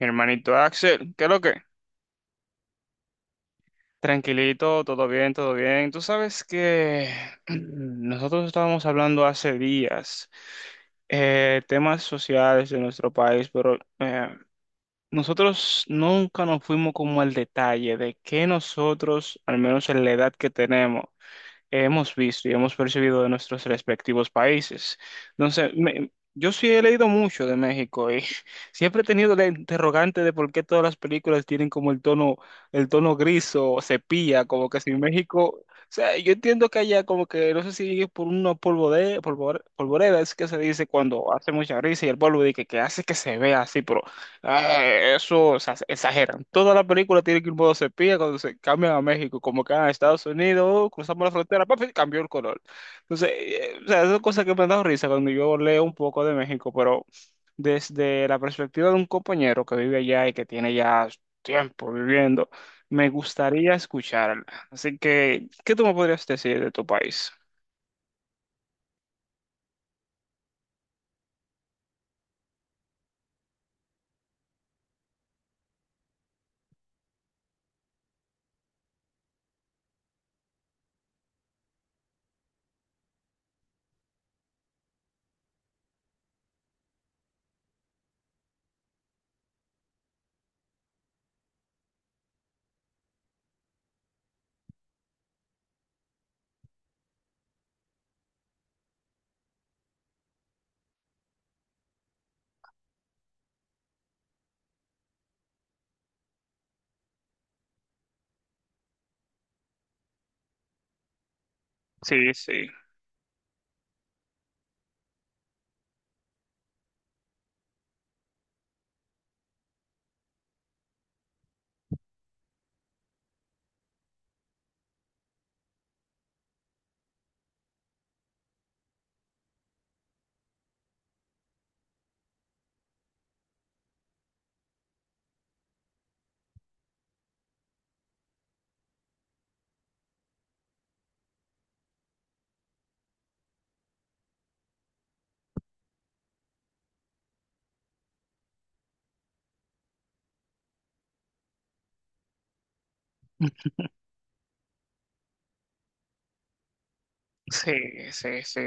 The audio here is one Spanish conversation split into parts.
Mi hermanito Axel, ¿qué es lo que? Tranquilito, todo bien, todo bien. Tú sabes que nosotros estábamos hablando hace días temas sociales de nuestro país, pero nosotros nunca nos fuimos como al detalle de que nosotros, al menos en la edad que tenemos, hemos visto y hemos percibido de nuestros respectivos países. Entonces, yo sí he leído mucho de México y siempre he tenido la interrogante de por qué todas las películas tienen como el tono gris o sepia, como que si México, o sea, yo entiendo que allá como que no sé si es por una polvoreda, polvoreda es que se dice cuando hace mucha risa y el polvo dice que hace que se vea así, pero ah, eso, o sea, exageran. Toda la película tiene que ir en modo sepia cuando se cambian a México, como que a Estados Unidos, oh, cruzamos la frontera, papi, cambió el color. Entonces, o sea, esas cosas que me han dado risa cuando yo leo un poco de México, pero desde la perspectiva de un compañero que vive allá y que tiene ya tiempo viviendo, me gustaría escucharla. Así que, ¿qué tú me podrías decir de tu país? Sí, sí, sí, sí, sí.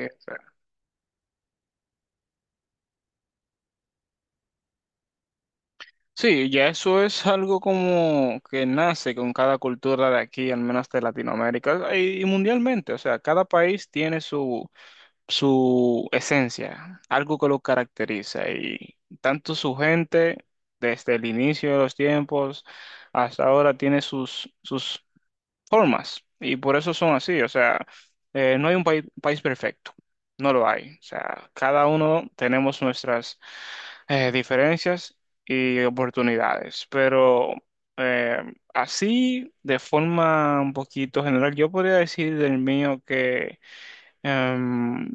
Sí, ya eso es algo como que nace con cada cultura de aquí, al menos de Latinoamérica y mundialmente. O sea, cada país tiene su, su esencia, algo que lo caracteriza. Y tanto su gente, desde el inicio de los tiempos hasta ahora, tiene sus, sus formas y por eso son así. O sea, no hay un país, país perfecto, no lo hay. O sea, cada uno tenemos nuestras diferencias y oportunidades, pero eh, así, de forma un poquito general, yo podría decir del mío que em,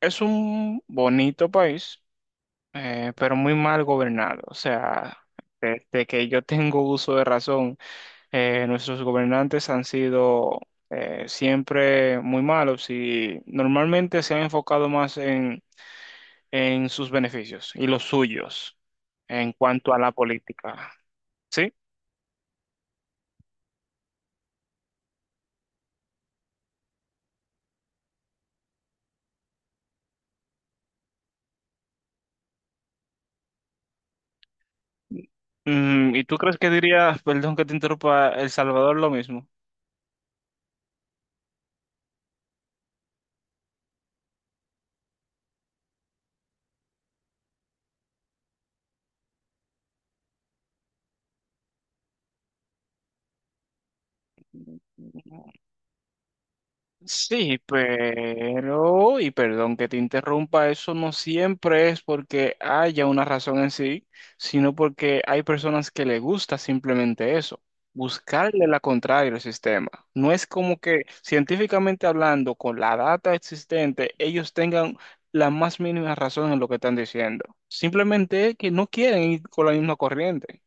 es un bonito país, pero muy mal gobernado. O sea, desde que yo tengo uso de razón. Nuestros gobernantes han sido siempre muy malos y normalmente se han enfocado más en sus beneficios y los suyos en cuanto a la política. ¿Sí? Mm, ¿y tú crees que diría, perdón que te interrumpa, El Salvador lo mismo? Sí, pero, y perdón que te interrumpa, eso no siempre es porque haya una razón en sí, sino porque hay personas que le gusta simplemente eso, buscarle la contraria al sistema. No es como que científicamente hablando, con la data existente, ellos tengan la más mínima razón en lo que están diciendo. Simplemente es que no quieren ir con la misma corriente.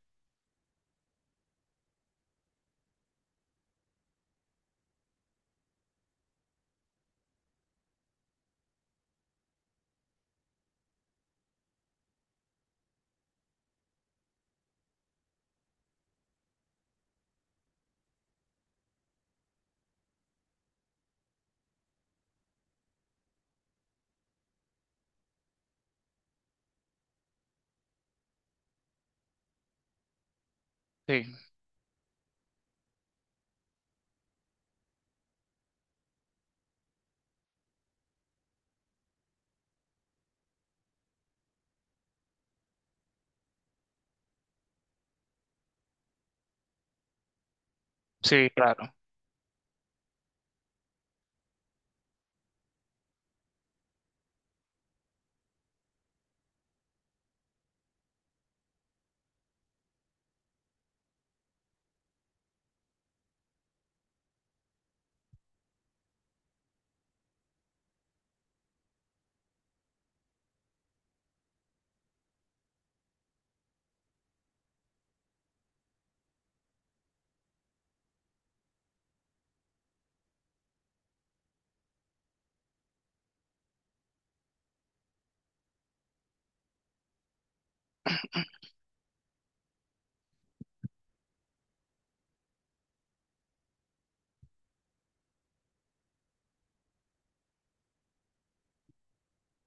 Sí, sí, claro.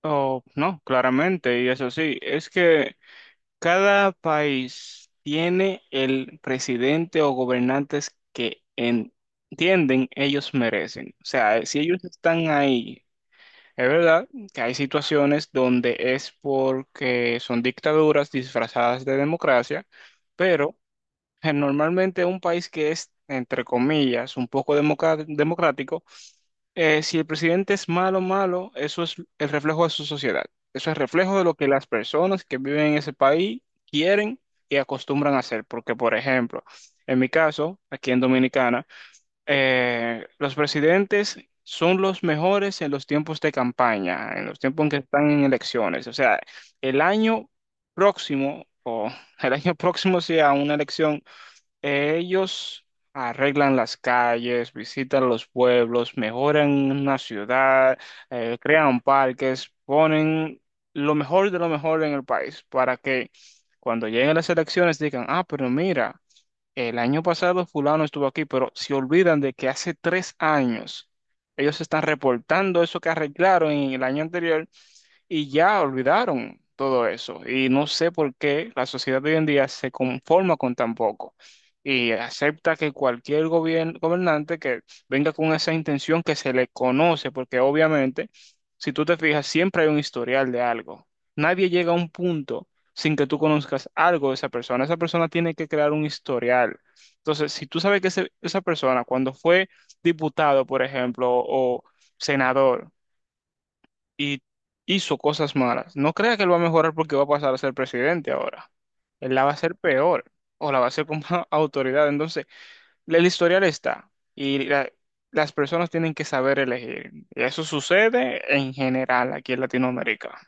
Oh, no, claramente, y eso sí, es que cada país tiene el presidente o gobernantes que entienden ellos merecen. O sea, si ellos están ahí, es verdad que hay situaciones donde es porque son dictaduras disfrazadas de democracia, pero normalmente un país que es, entre comillas, un poco democrático, si el presidente es malo, malo, eso es el reflejo de su sociedad. Eso es reflejo de lo que las personas que viven en ese país quieren y acostumbran a hacer. Porque, por ejemplo, en mi caso, aquí en Dominicana, los presidentes son los mejores en los tiempos de campaña, en los tiempos en que están en elecciones. O sea, el año próximo o el año próximo sea una elección. Ellos arreglan las calles, visitan los pueblos, mejoran una ciudad, crean parques, ponen lo mejor de lo mejor en el país para que cuando lleguen las elecciones digan, ah, pero mira, el año pasado fulano estuvo aquí, pero se olvidan de que hace tres años ellos están reportando eso que arreglaron en el año anterior y ya olvidaron todo eso. Y no sé por qué la sociedad de hoy en día se conforma con tan poco y acepta que cualquier gobernante que venga con esa intención que se le conoce, porque obviamente, si tú te fijas, siempre hay un historial de algo. Nadie llega a un punto sin que tú conozcas algo de esa persona. Esa persona tiene que crear un historial. Entonces, si tú sabes que esa persona, cuando fue diputado, por ejemplo, o senador, y hizo cosas malas. No crea que él va a mejorar porque va a pasar a ser presidente ahora. Él la va a hacer peor o la va a hacer con más autoridad. Entonces, el historial está y las personas tienen que saber elegir. Y eso sucede en general aquí en Latinoamérica.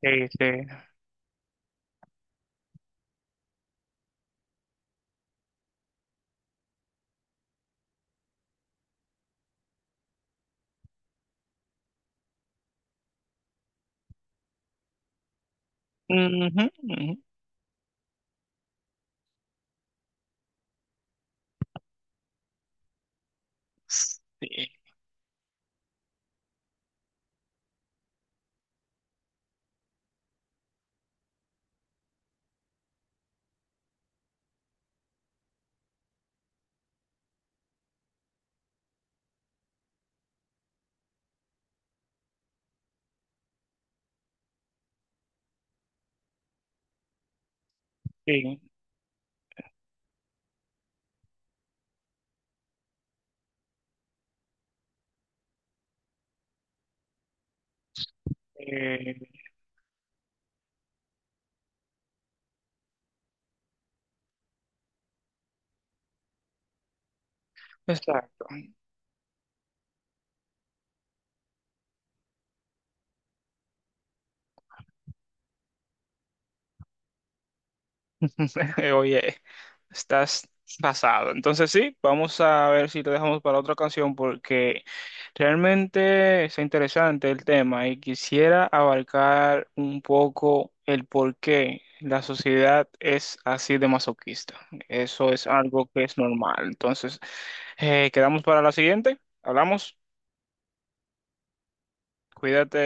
Sí, sí. Ujú, ujú. Sí, sí. Eh, exacto. Oye, estás pasado. Entonces sí, vamos a ver si te dejamos para otra canción porque realmente es interesante el tema y quisiera abarcar un poco el por qué la sociedad es así de masoquista. Eso es algo que es normal. Entonces, quedamos para la siguiente. Hablamos. Cuídate.